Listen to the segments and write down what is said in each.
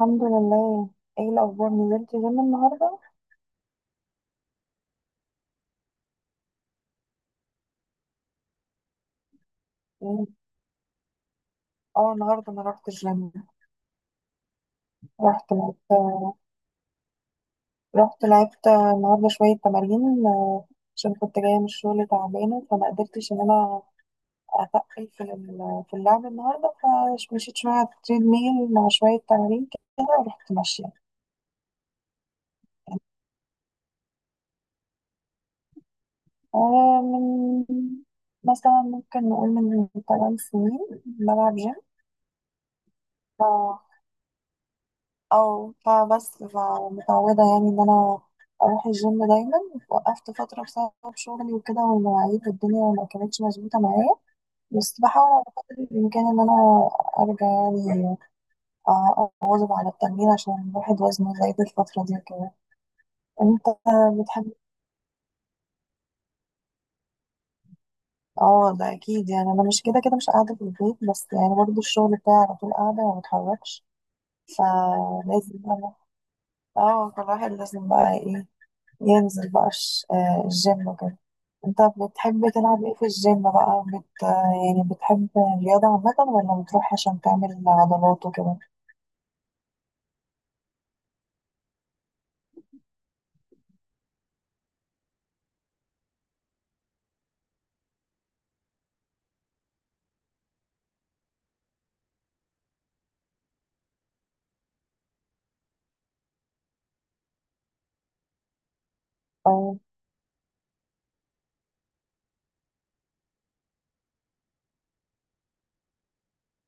الحمد لله. ايه الاخبار، نزلت جيم النهارده؟ مم. اه، النهارده انا رحت الجيم. رحت لعبت رحت لعبت النهارده شويه تمارين. عشان كنت جايه من الشغل تعبانه، فما قدرتش ان انا اتقل في اللعب النهارده. فمشيت شويه على التريد ميل مع شويه تمارين كده ورحت ماشيه. من مثلا ممكن نقول من 8 سنين بلعب جيم. او فبس، فمتعودة يعني ان انا اروح الجيم دايما. وقفت فترة بسبب شغلي وكده، والمواعيد والدنيا ما كانتش مظبوطة معايا، بس بحاول على قدر الامكان ان انا ارجع يعني، اواظب على التمرين، عشان الواحد وزنه زايد الفترة دي وكده. انت بتحب؟ اه، ده اكيد. يعني انا مش كده كده مش قاعدة في البيت، بس يعني برضه الشغل بتاعي على طول قاعدة وما بتحركش. فلازم بقى- اه، فالواحد لازم بقى ايه، ينزل بقى الجيم وكده. انت بتحب تلعب ايه في الجيم بقى، بت... آه، يعني بتحب الرياضة عامة ولا بتروح عشان تعمل عضلات وكده؟ اه.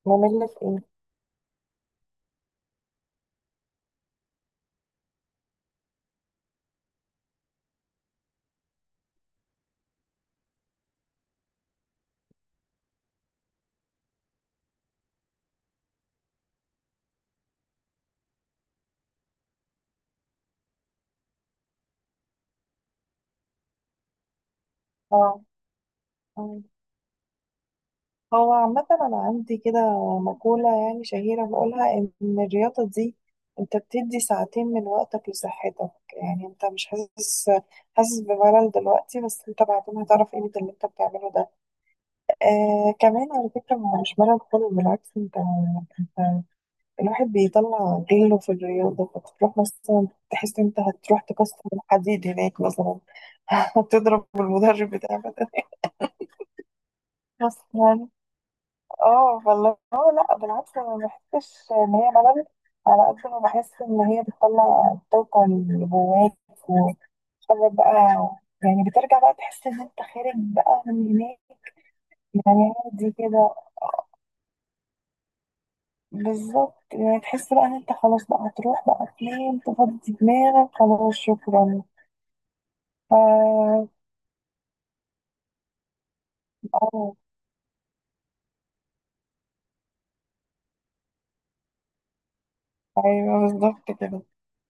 ممل في ايه؟ اه. آه. هو عامة أنا عندي كده مقولة يعني شهيرة بقولها، إن الرياضة دي، أنت بتدي ساعتين من وقتك لصحتك، يعني أنت مش حاسس بملل دلوقتي، بس أنت بعدين هتعرف قيمة اللي أنت بتعمله ده. آه، كمان على فكرة هو مش ملل خالص، بالعكس. أنت الواحد بيطلع غله في الرياضة، فتروح مثلا تحس إن انت هتروح تكسر الحديد هناك مثلا. هتضرب المدرب بتاعك مثلا. اه والله. اه، لا بالعكس انا ما بحسش ان هي ملل، على قد ما بحس ان هي بتطلع الطاقة اللي جواك وتخرج بقى. يعني بترجع بقى تحس ان انت خارج بقى من هناك. يعني عادي كده. بالظبط، يعني تحس بقى ان انت خلاص بقى هتروح بقى فين تفضي دماغك. خلاص، شكرا. اه. آه. ايوه بالظبط كده.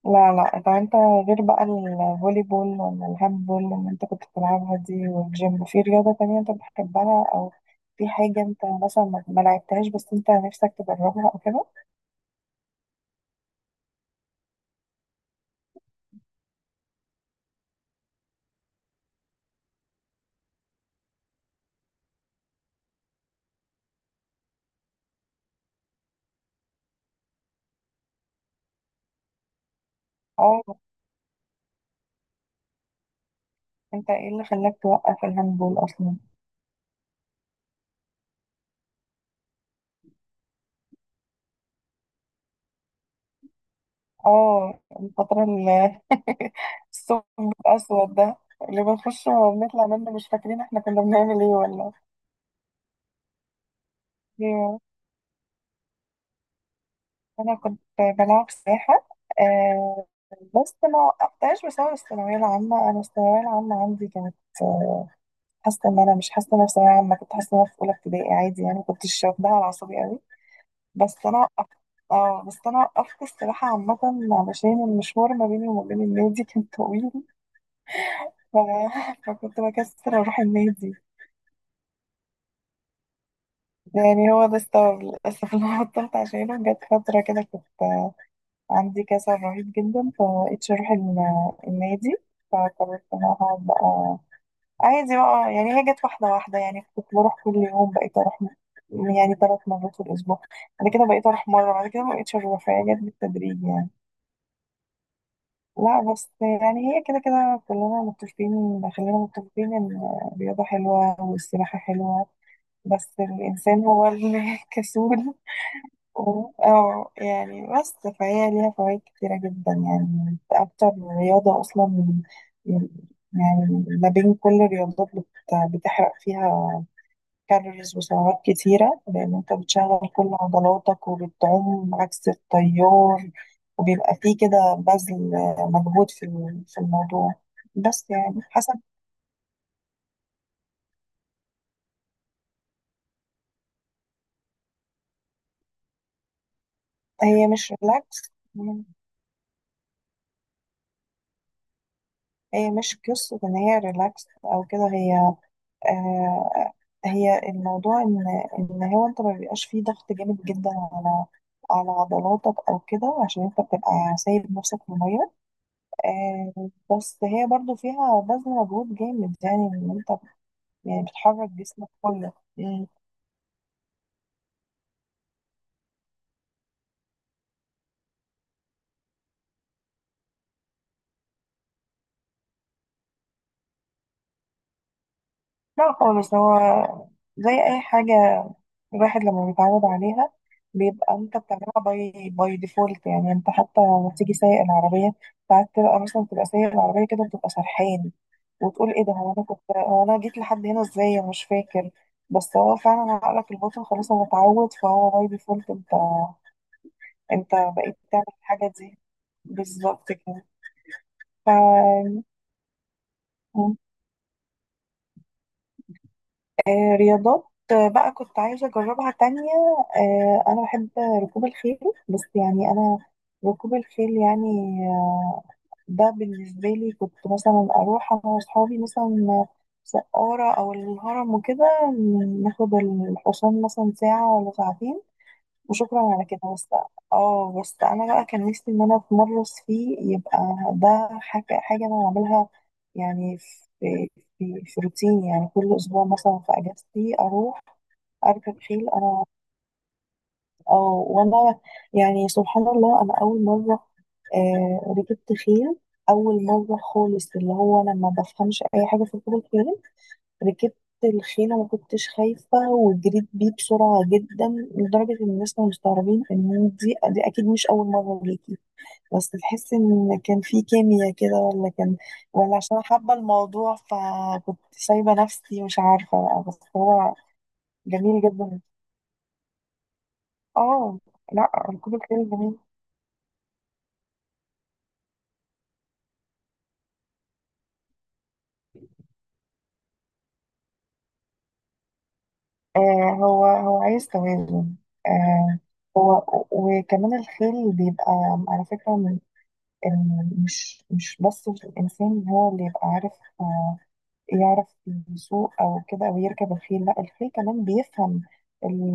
لا لا، طب انت غير بقى الفولي بول ولا الهاند بول اللي انت كنت بتلعبها دي والجيم، في رياضة تانية انت بتحبها، او في حاجة انت مثلا ما لعبتهاش بس انت نفسك تجربها او كده؟ اه. انت ايه اللي خلاك توقف الهاند بول اصلا؟ اه، الفترة اللي الثقب الاسود ده، اللي بنخش وبنطلع منه مش فاكرين احنا كنا بنعمل ايه ولا ايه. انا كنت بلعب سباحه. آه. بس ما وقفتهاش بسبب الثانويه العامه. انا الثانويه العامه عندي كانت، آه، حاسه ان انا مش حاسه ان انا في ثانويه عامه، كنت حاسه ان انا في اولى ابتدائي عادي. يعني ما كنتش واخداها على اعصابي قوي. بس انا وقفت. اه، بس انا وقفت السباحه عامه علشان المشوار ما بيني وما بين النادي كان طويل. ف- فكنت بكسر اروح النادي. يعني هو ده السبب للاسف اللي أنا بطلت عشانه. جت فتره كده كنت عندي كسل رهيب جدا، فبقيتش اروح النادي، فقررت ان انا هقعد بقى عادي بقى. يعني هي جت واحدة واحدة. يعني كنت بروح كل يوم، بقيت اروح يعني ثلاث مرات في الاسبوع، بعد كده بقيت اروح مرة، بعد كده مبقتش اروح. فهي جت بالتدريج يعني. لا بس يعني هي كده كده كلنا متفقين، خلينا متفقين ان الرياضة حلوة والسباحة حلوة، بس الانسان هو اللي كسول. اه يعني. بس فهي ليها فوائد كتيرة جدا، يعني أكتر رياضة أصلا، يعني ما بين كل الرياضات، بتحرق فيها كالوريز وسعرات كتيرة، لأن أنت بتشغل كل عضلاتك وبتعوم عكس التيار، وبيبقى فيه كده بذل مجهود في الموضوع. بس يعني حسب. هي مش ريلاكس. هي مش قصة إن هي ريلاكس أو كده. هي، آه، هي الموضوع ان، هو انت ما بيبقاش فيه ضغط جامد جدا على على عضلاتك او كده، عشان انت بتبقى سايب نفسك في الميه. آه، بس هي برضو فيها بذل مجهود جامد، يعني ان انت يعني بتحرك جسمك كله. مم. لا خالص، هو زي اي حاجه، الواحد لما بيتعود عليها بيبقى انت بتعملها باي ديفولت. يعني انت حتى لما تيجي سايق العربيه ساعات تبقى مثلا تبقى سايق العربيه كده بتبقى سرحان، وتقول ايه ده، هو انا جيت لحد هنا ازاي، انا مش فاكر. بس هو فعلا عقلك الباطن خلاص هو اتعود، فهو باي ديفولت انت بقيت تعمل الحاجه دي. بالظبط كده. ف مم. رياضات، بقى كنت عايزه اجربها تانية. انا بحب ركوب الخيل. بس يعني انا، ركوب الخيل يعني، آه، ده بالنسبة لي كنت مثلا أروح أنا وأصحابي مثلا سقارة أو الهرم وكده، ناخد الحصان مثلا ساعة ولا ساعتين وشكرا على كده بس. اه بس أنا بقى كان نفسي إن أنا أتمرس فيه، يبقى ده حاجة أنا أعملها يعني، في روتيني، يعني كل أسبوع مثلا في أجازتي أروح أركب خيل أنا. اه، وأنا يعني سبحان الله، أنا أول مرة، آه، ركبت خيل، أول مرة خالص، اللي هو أنا ما بفهمش أي حاجة في ركوب الخيل. ركبت الخيل وما كنتش خايفة، وجريت بيه بسرعة جدا لدرجة إن الناس كانوا مستغربين إن دي أكيد مش أول مرة ليكي. بس تحس إن كان في كيمياء كده، ولا كان، ولا عشان أنا حابة الموضوع فكنت سايبة نفسي مش عارفة بقى، بس هو جميل جدا. اه، لا ركوب الخيل جميل. آه. هو عايز توازن. آه. هو، وكمان الخيل بيبقى على فكرة، من مش بس الإنسان هو اللي يبقى عارف، آه، يعرف يسوق أو كده أو يركب الخيل. لا الخيل كمان بيفهم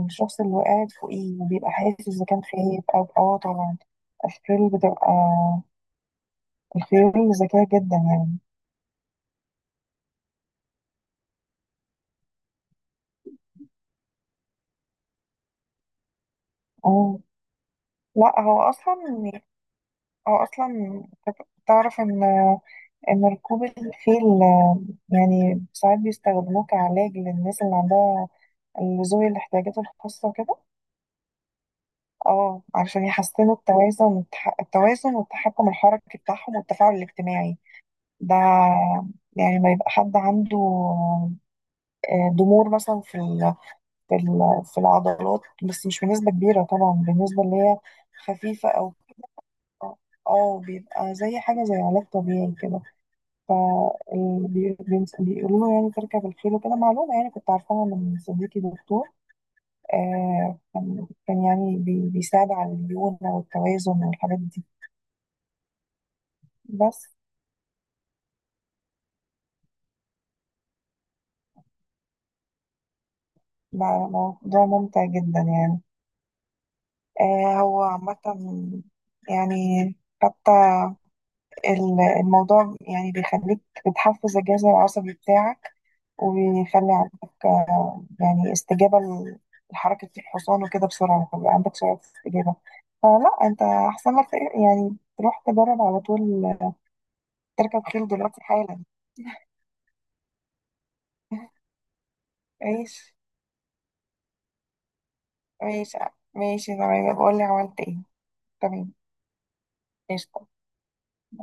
الشخص اللي قاعد فوقيه، وبيبقى حاسس إذا كان خايف، أو اه طبعا. الخيل بتبقى، الخيل ذكية جدا يعني. اه. لا هو أصلا تعرف إن، ركوب الخيل، يعني ساعات بيستخدموه كعلاج للناس اللي عندها، اللي ذوي الاحتياجات الخاصة وكده، اه علشان يحسنوا التوازن والتحكم الحركي بتاعهم والتفاعل الاجتماعي. ده يعني ما يبقى حد عنده ضمور مثلا في العضلات، بس مش بنسبة كبيرة طبعا، بالنسبة اللي هي خفيفة أو. اه، بيبقى زي حاجة زي علاج طبيعي كده، فبيقولوا له يعني ترجع بالخير وكده. معلومة يعني كنت عارفاها من صديقي دكتور، كان يعني بيساعد على الليونة والتوازن والحاجات دي. بس بقى موضوع ممتع جدا، يعني. هو عامة، يعني حتى الموضوع يعني بيخليك، بتحفز الجهاز العصبي بتاعك، ويخلي عندك يعني استجابة لحركة الحصان وكده بسرعة، فبقى عندك سرعة استجابة. فلا انت أحسن لك يعني تروح تجرب على طول، تركب خيل دلوقتي حالا. ماشي، ماشي، ماشي تمام. بقول لي عملت ايه. تمام. قشطة